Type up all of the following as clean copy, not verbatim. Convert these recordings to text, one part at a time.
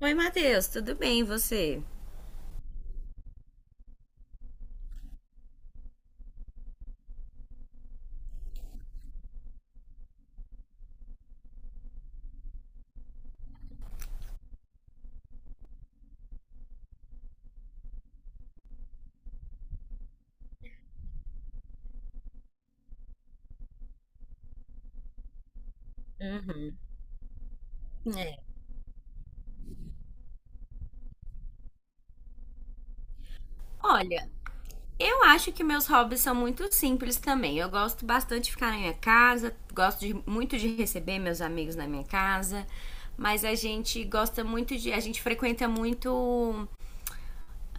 Oi, Matheus, tudo bem e você? Uhum. É. Olha, eu acho que meus hobbies são muito simples também. Eu gosto bastante de ficar na minha casa, muito de receber meus amigos na minha casa, mas a gente gosta muito de. A gente frequenta muito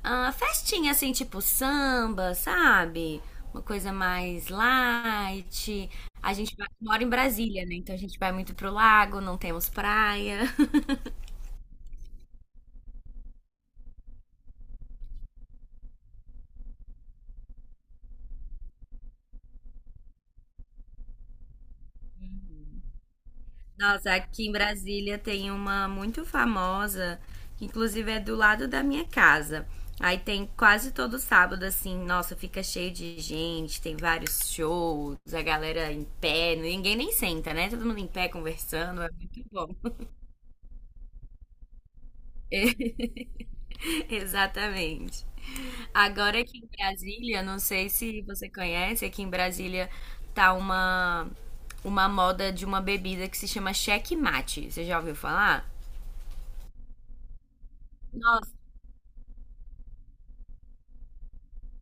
ah, festinha assim, tipo samba, sabe? Uma coisa mais light. Mora em Brasília, né? Então a gente vai muito pro lago, não temos praia. Nossa, aqui em Brasília tem uma muito famosa, que inclusive é do lado da minha casa. Aí tem quase todo sábado, assim, nossa, fica cheio de gente, tem vários shows, a galera em pé, ninguém nem senta, né? Todo mundo em pé conversando, é muito bom. Exatamente. Agora aqui em Brasília, não sei se você conhece, aqui em Brasília tá uma moda de uma bebida que se chama checkmate. Você já ouviu falar?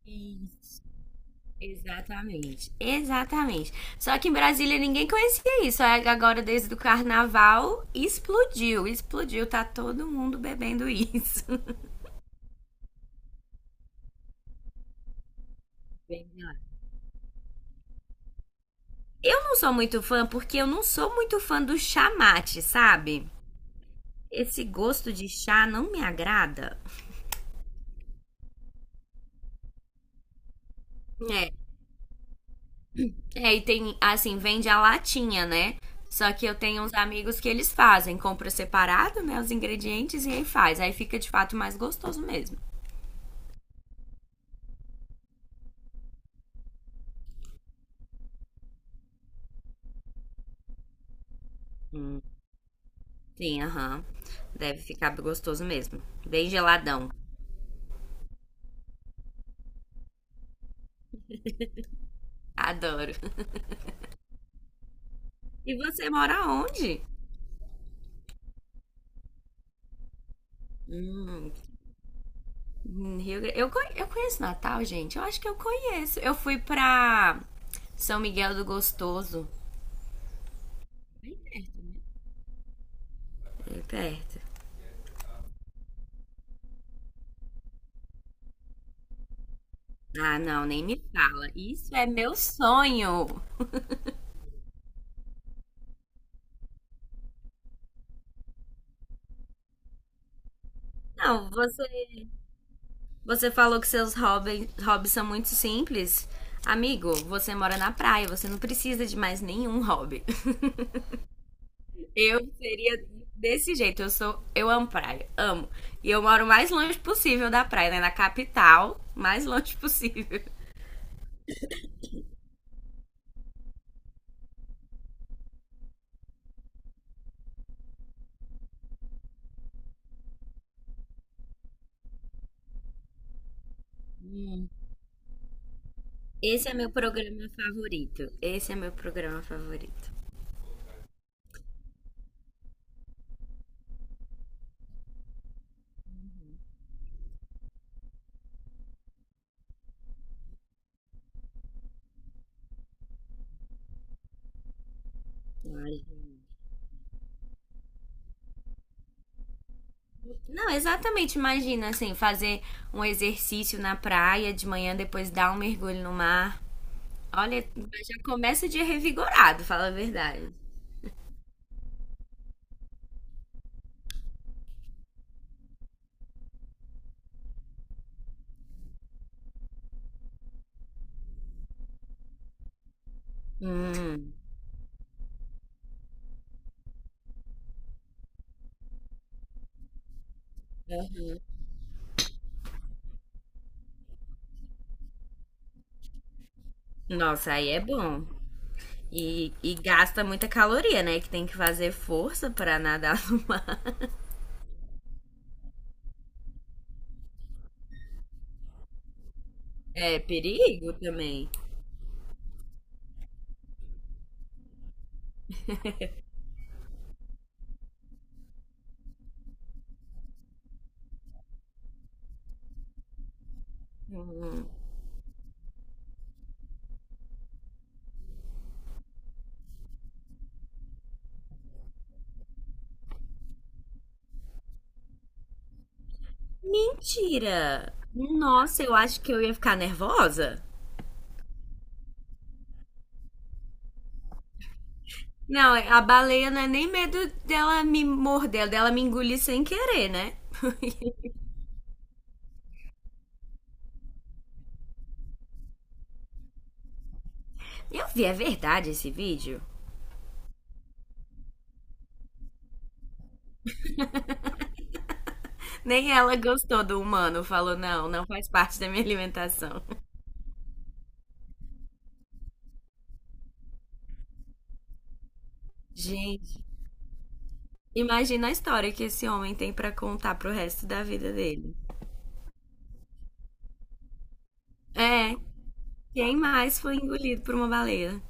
Nossa, exatamente, exatamente. Só que em Brasília ninguém conhecia isso. Aí agora, desde o carnaval, explodiu, explodiu. Tá todo mundo bebendo isso. Eu não sou muito fã porque eu não sou muito fã do chá mate, sabe? Esse gosto de chá não me agrada. É, é e tem, assim, vende a latinha, né? Só que eu tenho uns amigos que eles fazem, compra separado, né, os ingredientes e aí faz. Aí fica de fato mais gostoso mesmo. Sim, aham. Deve ficar gostoso mesmo. Bem geladão. Adoro. E você mora onde? Hum, em Rio Grande. Eu, eu conheço Natal, gente. Eu acho que eu conheço. Eu fui pra São Miguel do Gostoso. Bem perto, né? Bem perto. Ah, não, nem me fala. Isso é meu sonho. Não, você falou que seus hobbies são muito simples. Amigo, você mora na praia, você não precisa de mais nenhum hobby. Eu seria desse jeito. Eu amo praia, amo. E eu moro o mais longe possível da praia, né? Na capital, mais longe possível. Hum, Esse é meu programa favorito. Esse é meu programa favorito. Olha. Não, exatamente. Imagina assim, fazer um exercício na praia de manhã, depois dar um mergulho no mar. Olha, já começa o dia revigorado, fala a verdade. Hum, Nossa, aí é bom. E gasta muita caloria, né? Que tem que fazer força pra nadar. É perigo também. Hum. Mentira! Nossa, eu acho que eu ia ficar nervosa. Não, a baleia não é nem medo dela me morder, dela me engolir sem querer, né? Eu vi, é verdade esse vídeo? Nem ela gostou do humano, falou, não, não faz parte da minha alimentação. Gente, imagina a história que esse homem tem pra contar pro resto da vida dele. É, quem mais foi engolido por uma baleia?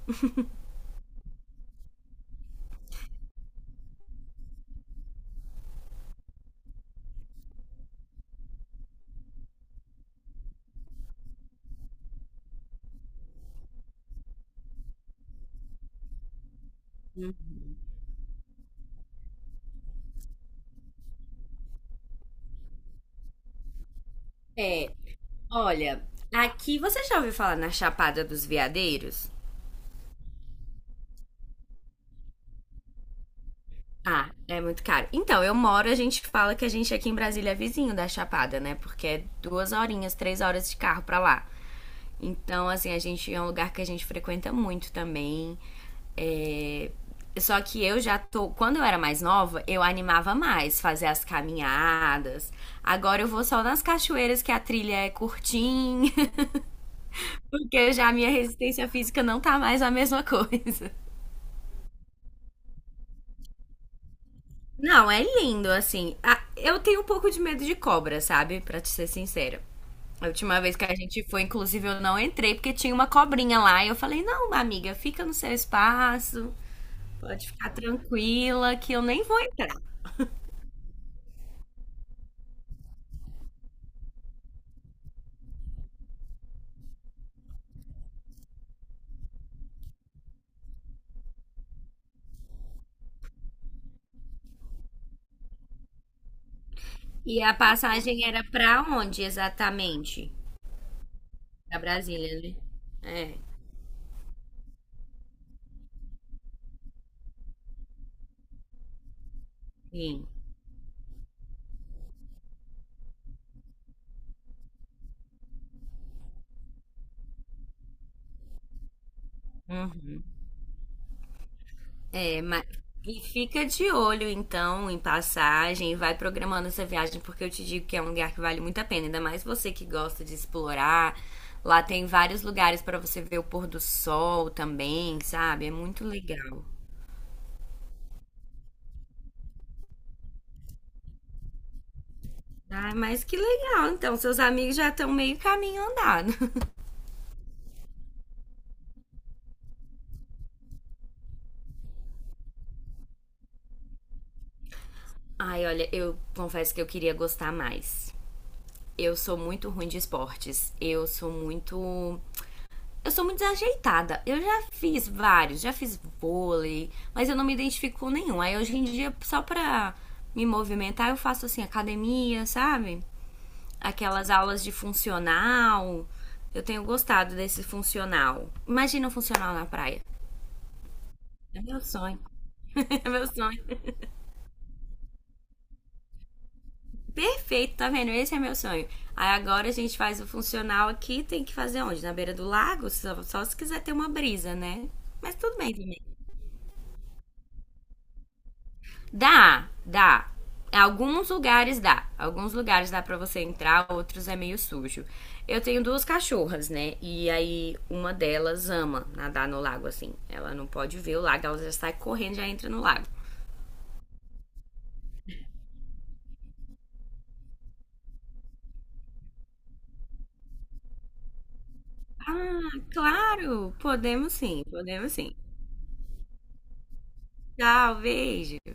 É, olha, aqui você já ouviu falar na Chapada dos Veadeiros? Ah, é muito caro. Então, eu moro, a gente fala que a gente aqui em Brasília é vizinho da Chapada, né? Porque é duas horinhas, 3 horas de carro pra lá. Então, assim, a gente é um lugar que a gente frequenta muito também. É, só que eu já tô. Quando eu era mais nova, eu animava mais fazer as caminhadas. Agora eu vou só nas cachoeiras que a trilha é curtinha. Porque já a minha resistência física não tá mais a mesma coisa. Não, é lindo, assim. Ah, eu tenho um pouco de medo de cobra, sabe? Pra te ser sincera. A última vez que a gente foi, inclusive, eu não entrei porque tinha uma cobrinha lá. E eu falei: não, amiga, fica no seu espaço, pode ficar tranquila que eu nem vou entrar. E a passagem era pra onde exatamente? Pra Brasília, né? É, sim. Uhum. É, mas... E fica de olho, então, em passagem e vai programando essa viagem, porque eu te digo que é um lugar que vale muito a pena, ainda mais você que gosta de explorar. Lá tem vários lugares para você ver o pôr do sol também, sabe? É muito legal. Ah, mas que legal. Então, seus amigos já estão meio caminho andado. Ai, olha, eu confesso que eu queria gostar mais. Eu sou muito ruim de esportes. Eu sou muito desajeitada. Eu já fiz vários, já fiz vôlei, mas eu não me identifico com nenhum. Aí hoje em dia, só pra me movimentar, eu faço assim, academia, sabe? Aquelas aulas de funcional. Eu tenho gostado desse funcional. Imagina um funcional na praia. É meu sonho. É meu sonho. Perfeito, tá vendo? Esse é meu sonho. Aí agora a gente faz o funcional aqui, tem que fazer onde? Na beira do lago? Só se quiser ter uma brisa, né? Mas tudo bem também. Dá, dá. Alguns lugares dá. Alguns lugares dá pra você entrar, outros é meio sujo. Eu tenho duas cachorras, né? E aí uma delas ama nadar no lago assim. Ela não pode ver o lago, ela já sai correndo, já entra no lago. Ah, claro! Podemos sim, podemos sim. Tchau, beijo.